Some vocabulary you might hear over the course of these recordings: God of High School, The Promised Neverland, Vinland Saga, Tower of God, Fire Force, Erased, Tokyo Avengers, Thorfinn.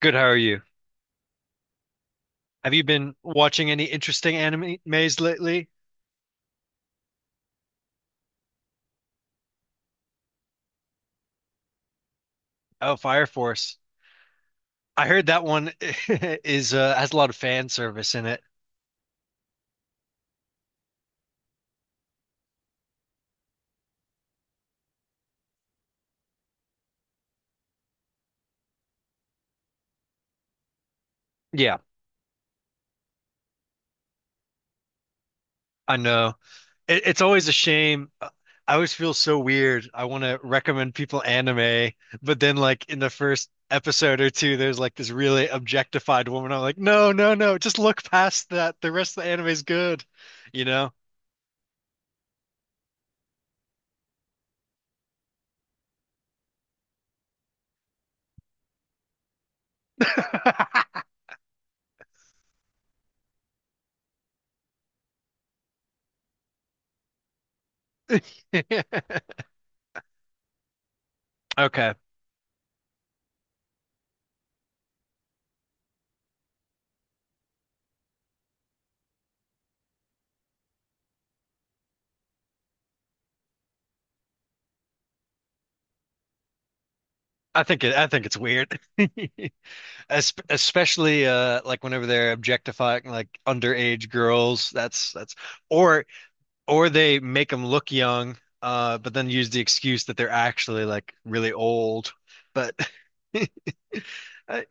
Good, how are you? Have you been watching any interesting animes lately? Oh, Fire Force. I heard that one is has a lot of fan service in it. Yeah, I know. It's always a shame. I always feel so weird. I want to recommend people anime, but then like in the first episode or two, there's like this really objectified woman. I'm like, no, no, no, just look past that. The rest of the anime is good, you know? Okay. I think it's weird. Es Especially like whenever they're objectifying like underage girls, that's or or they make them look young, but then use the excuse that they're actually like really old. But I,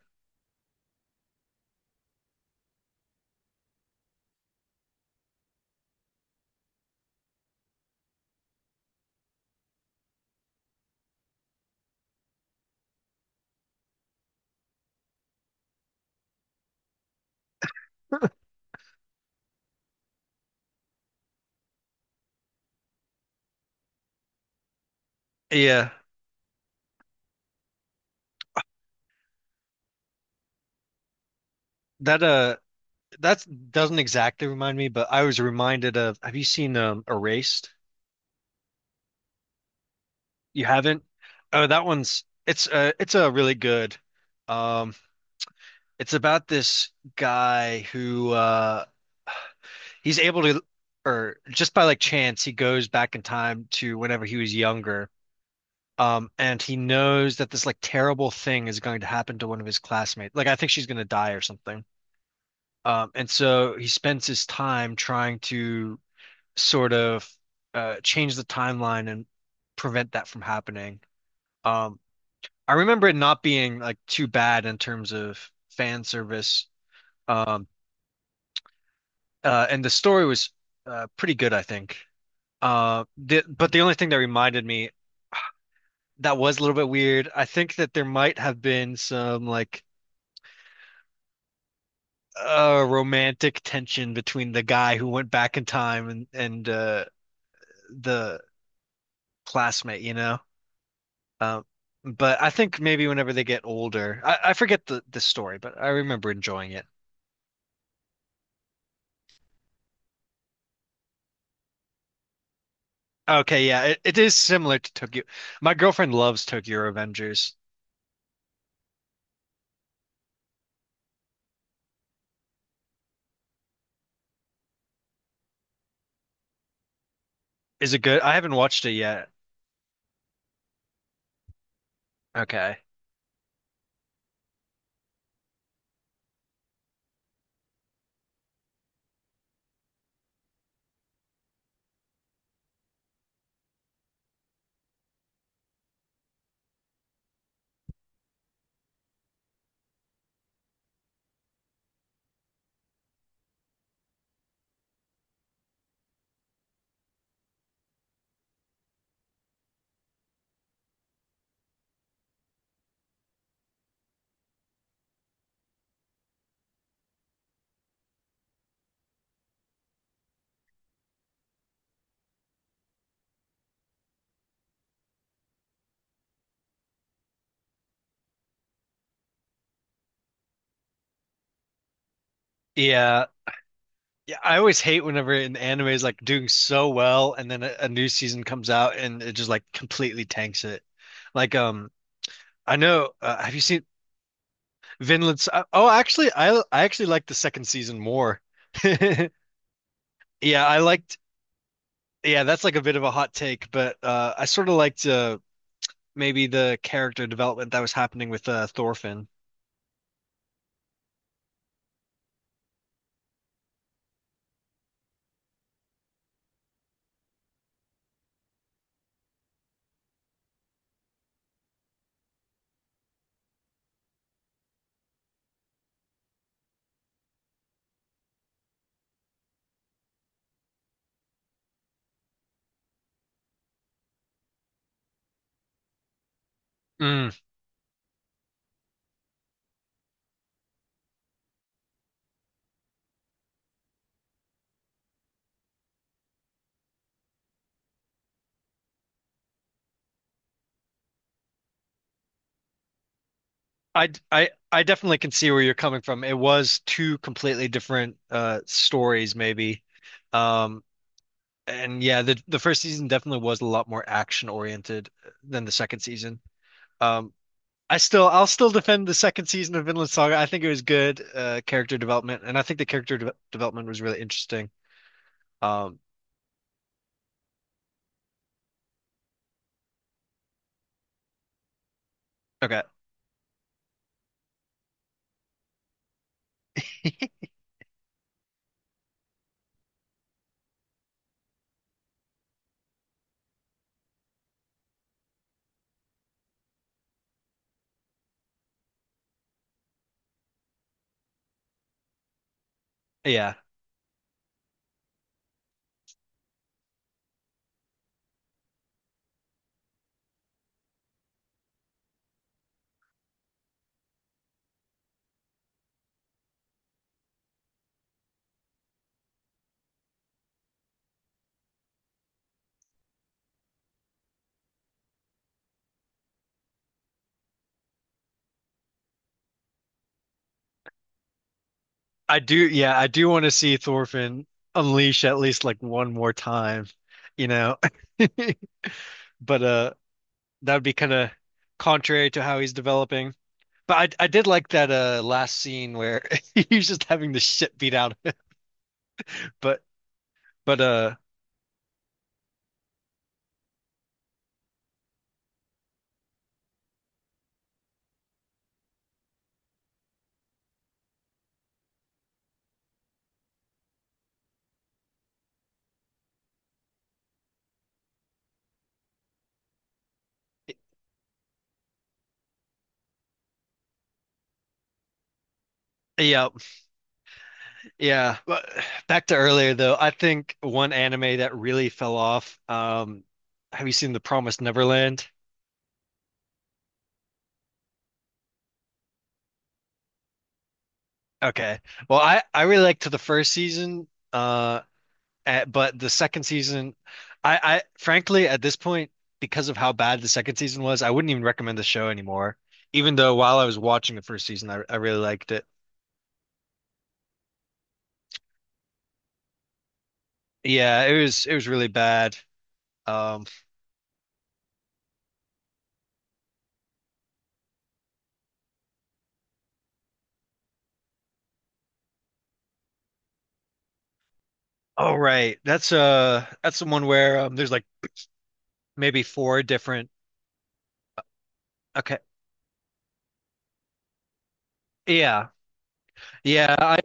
yeah, that uh that doesn't exactly remind me, but I was reminded of, have you seen Erased? You haven't? Oh, that one's it's a really good. Um, it's about this guy who he's able to, or just by like chance, he goes back in time to whenever he was younger. And he knows that this like terrible thing is going to happen to one of his classmates. Like I think she's going to die or something. And so he spends his time trying to sort of change the timeline and prevent that from happening. Um, I remember it not being like too bad in terms of fan service. Um, and the story was pretty good, I think. But the only thing that reminded me that was a little bit weird. I think that there might have been some like romantic tension between the guy who went back in time and the classmate, you know. Um, but I think maybe whenever they get older, I forget the story, but I remember enjoying it. Okay, yeah, it is similar to Tokyo. My girlfriend loves Tokyo Avengers. Is it good? I haven't watched it yet. Okay. Yeah, I always hate whenever an anime is like doing so well and then a new season comes out and it just like completely tanks it. Like I know have you seen Oh, actually I actually like the second season more. Yeah, I liked yeah, that's like a bit of a hot take, but I sort of liked maybe the character development that was happening with Thorfinn. Mm. I definitely can see where you're coming from. It was two completely different stories maybe. Um And yeah, the first season definitely was a lot more action oriented than the second season. Um, I still I'll still defend the second season of Vinland Saga. I think it was good character development, and I think the character de development was really interesting. Um, okay, yeah, I do. Yeah, I do want to see Thorfinn unleash at least like one more time, you know. But that would be kind of contrary to how he's developing. But I did like that last scene where he's just having the shit beat out of him. But but uh. Yeah, yeah. But back to earlier though, I think one anime that really fell off. Have you seen The Promised Neverland? Okay. Well, I really liked the first season, but the second season, I frankly at this point, because of how bad the second season was, I wouldn't even recommend the show anymore. Even though while I was watching the first season, I really liked it. Yeah, it was really bad. Um, oh right, that's the one where there's like maybe four different. Okay. Yeah. Yeah, I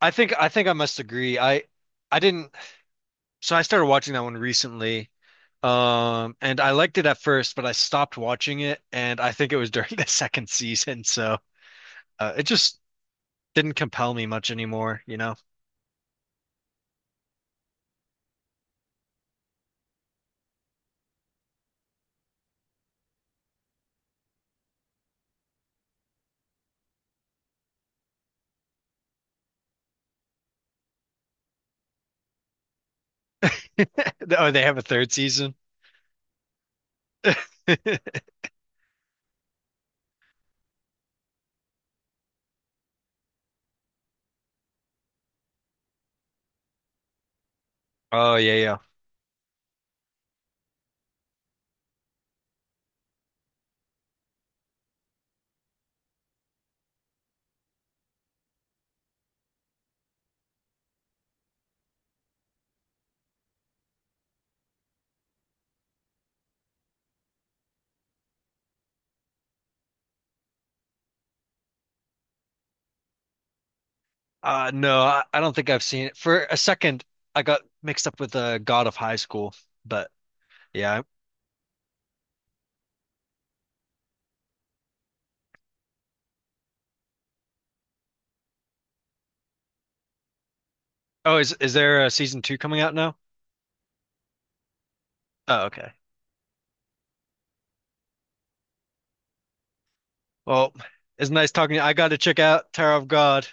I think I think I must agree. I didn't So I started watching that one recently. And I liked it at first, but I stopped watching it and I think it was during the second season, so it just didn't compel me much anymore, you know. Oh, they have a third season. Oh yeah, yeah. No, I don't think I've seen it. For a second, I got mixed up with God of High School, but yeah. Oh, is there a season two coming out now? Oh, okay. Well, it's nice talking to you. I got to check out Tower of God.